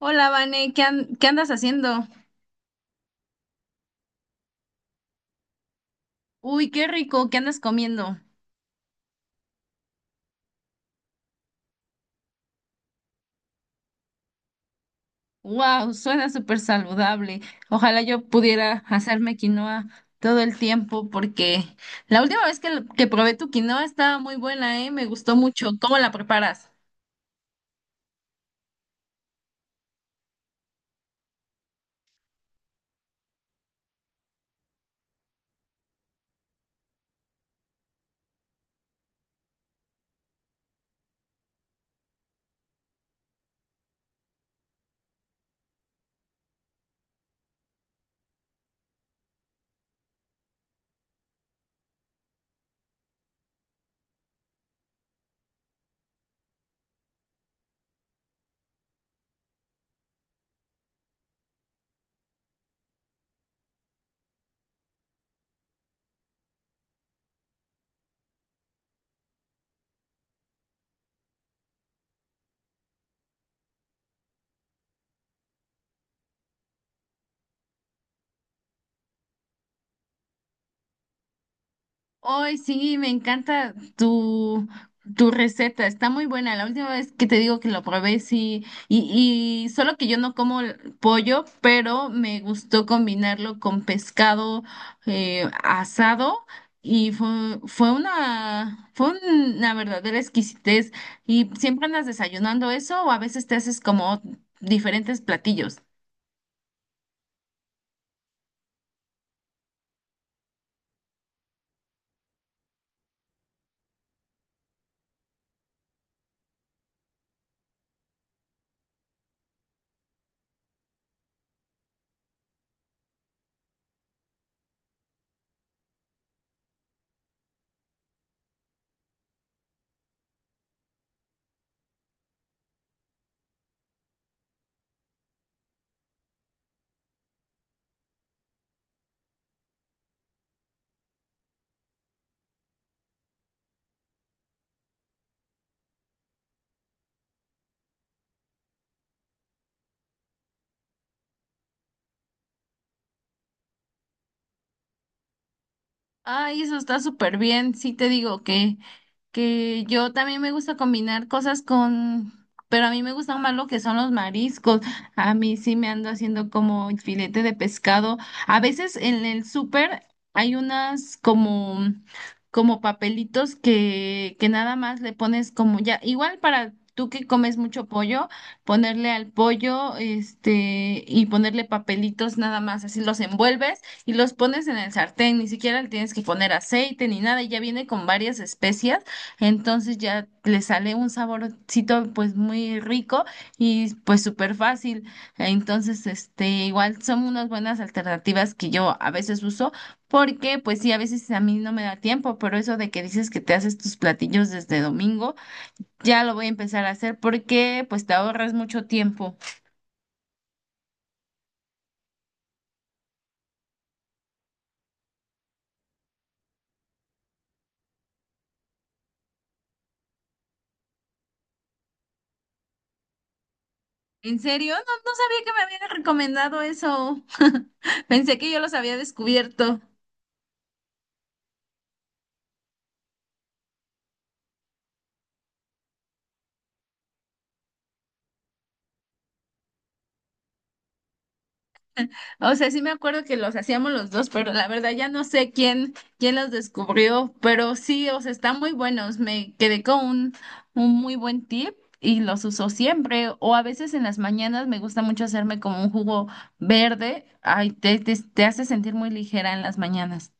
Hola, Vane, ¿ qué andas haciendo? Uy, qué rico, ¿qué andas comiendo? Wow, suena súper saludable. Ojalá yo pudiera hacerme quinoa todo el tiempo porque la última vez que probé tu quinoa estaba muy buena, ¿eh? Me gustó mucho. ¿Cómo la preparas? Hoy sí, me encanta tu receta, está muy buena. La última vez que te digo que lo probé, sí, y solo que yo no como el pollo, pero me gustó combinarlo con pescado, asado y fue una verdadera exquisitez. ¿Y siempre andas desayunando eso o a veces te haces como diferentes platillos? Ay, eso está súper bien. Sí te digo que yo también me gusta combinar cosas con, pero a mí me gustan más lo que son los mariscos. A mí sí me ando haciendo como filete de pescado. A veces en el súper hay como papelitos que nada más le pones como ya, igual para tú que comes mucho pollo, ponerle al pollo, este, y ponerle papelitos nada más, así los envuelves y los pones en el sartén, ni siquiera le tienes que poner aceite ni nada, y ya viene con varias especias, entonces ya le sale un saborcito pues muy rico y pues súper fácil. Entonces, este, igual son unas buenas alternativas que yo a veces uso, porque pues sí, a veces a mí no me da tiempo, pero eso de que dices que te haces tus platillos desde domingo, ya lo voy a empezar a hacer porque pues te ahorras mucho tiempo. ¿En serio? No, no sabía que me habían recomendado eso. Pensé que yo los había descubierto. O sea, sí me acuerdo que los hacíamos los dos, pero la verdad ya no sé quién los descubrió. Pero sí, o sea, están muy buenos. Me quedé con un muy buen tip y los uso siempre. O a veces en las mañanas me gusta mucho hacerme como un jugo verde. Ay, te hace sentir muy ligera en las mañanas.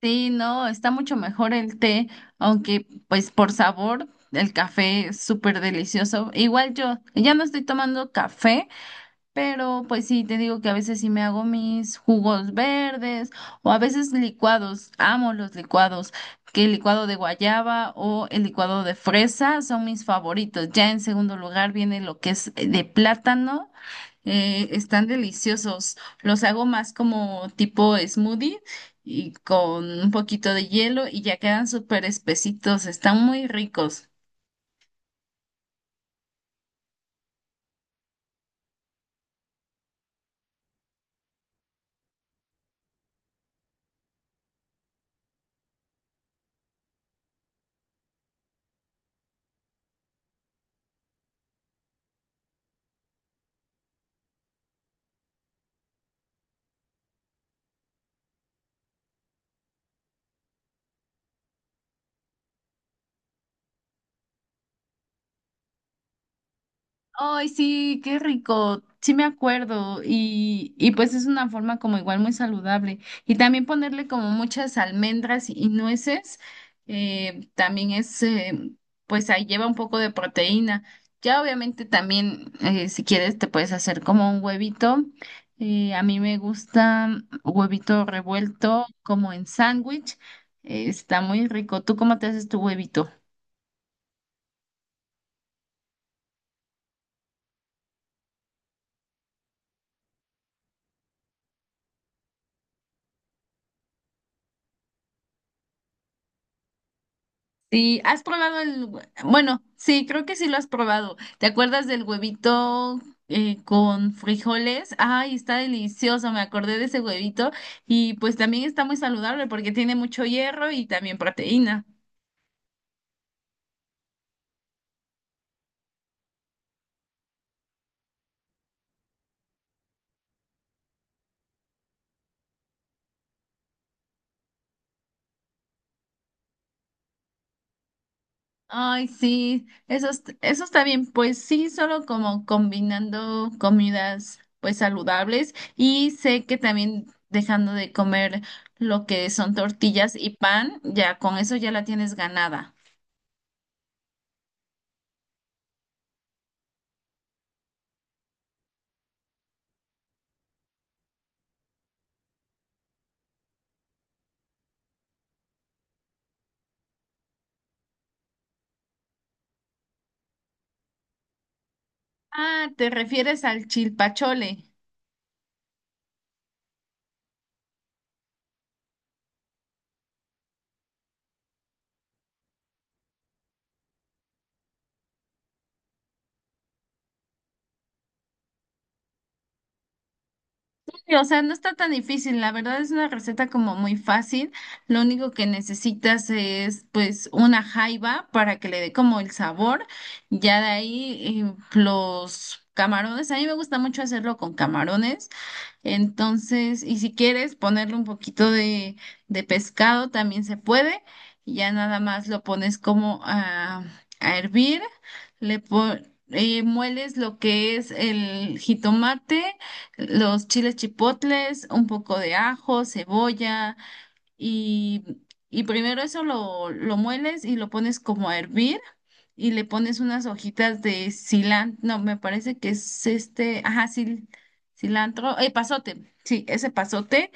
Sí, no, está mucho mejor el té, aunque pues por sabor el café es súper delicioso. Igual yo ya no estoy tomando café, pero pues sí, te digo que a veces sí me hago mis jugos verdes o a veces licuados. Amo los licuados, que el licuado de guayaba o el licuado de fresa son mis favoritos. Ya en segundo lugar viene lo que es de plátano. Están deliciosos. Los hago más como tipo smoothie y con un poquito de hielo y ya quedan súper espesitos. Están muy ricos. Ay, sí, qué rico. Sí me acuerdo. Y pues es una forma como igual muy saludable. Y también ponerle como muchas almendras y nueces, eh, también es, eh, pues ahí lleva un poco de proteína. Ya obviamente también, si quieres, te puedes hacer como un huevito. A mí me gusta huevito revuelto como en sándwich. Está muy rico. ¿Tú cómo te haces tu huevito? Sí, has probado el, hue- bueno, sí, creo que sí lo has probado. ¿Te acuerdas del huevito con frijoles? Ay, está delicioso, me acordé de ese huevito y pues también está muy saludable porque tiene mucho hierro y también proteína. Ay, sí, eso está bien, pues sí, solo como combinando comidas pues saludables y sé que también dejando de comer lo que son tortillas y pan, ya con eso ya la tienes ganada. Ah, te refieres al chilpachole. Sí, o sea, no está tan difícil, la verdad es una receta como muy fácil. Lo único que necesitas es pues una jaiba para que le dé como el sabor. Ya de ahí los camarones, a mí me gusta mucho hacerlo con camarones. Entonces, y si quieres ponerle un poquito de pescado, también se puede. Y ya nada más lo pones como a hervir. Le po- Mueles lo que es el jitomate, los chiles chipotles, un poco de ajo, cebolla y, y primero eso lo mueles y lo pones como a hervir y le pones unas hojitas de cilantro, no, me parece que es este, ajá, cilantro, pasote, sí, ese pasote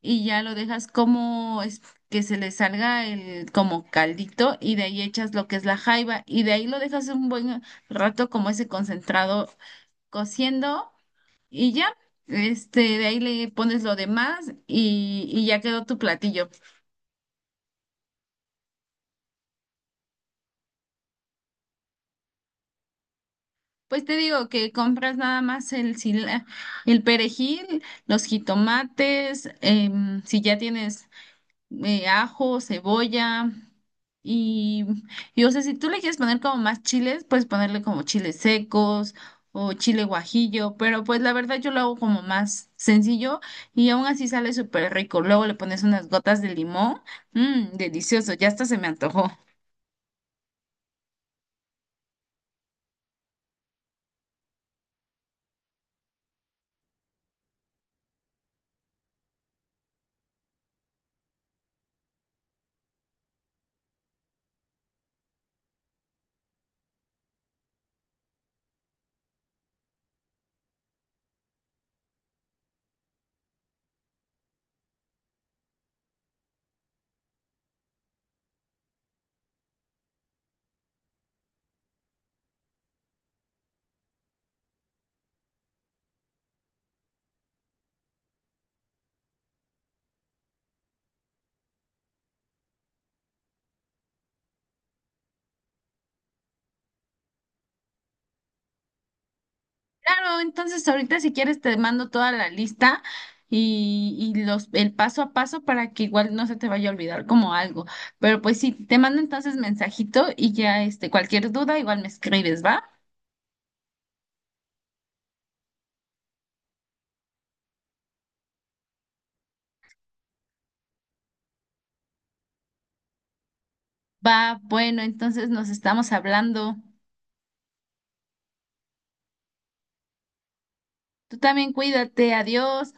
y ya lo dejas que se le salga el como caldito y de ahí echas lo que es la jaiba y de ahí lo dejas un buen rato como ese concentrado cociendo y ya, este, de ahí le pones lo demás y ya quedó tu platillo. Pues te digo que compras nada más el perejil, los jitomates, em, si ya tienes ajo, cebolla y, o sea, si tú le quieres poner como más chiles, puedes ponerle como chiles secos o chile guajillo, pero pues la verdad yo lo hago como más sencillo y aún así sale súper rico. Luego le pones unas gotas de limón, mmm, delicioso, ya hasta se me antojó. Claro, entonces ahorita si quieres te mando toda la lista y los el paso a paso para que igual no se te vaya a olvidar como algo. Pero pues sí, te mando entonces mensajito y ya este cualquier duda igual me escribes, ¿va? Va, bueno, entonces nos estamos hablando. Tú también cuídate, adiós.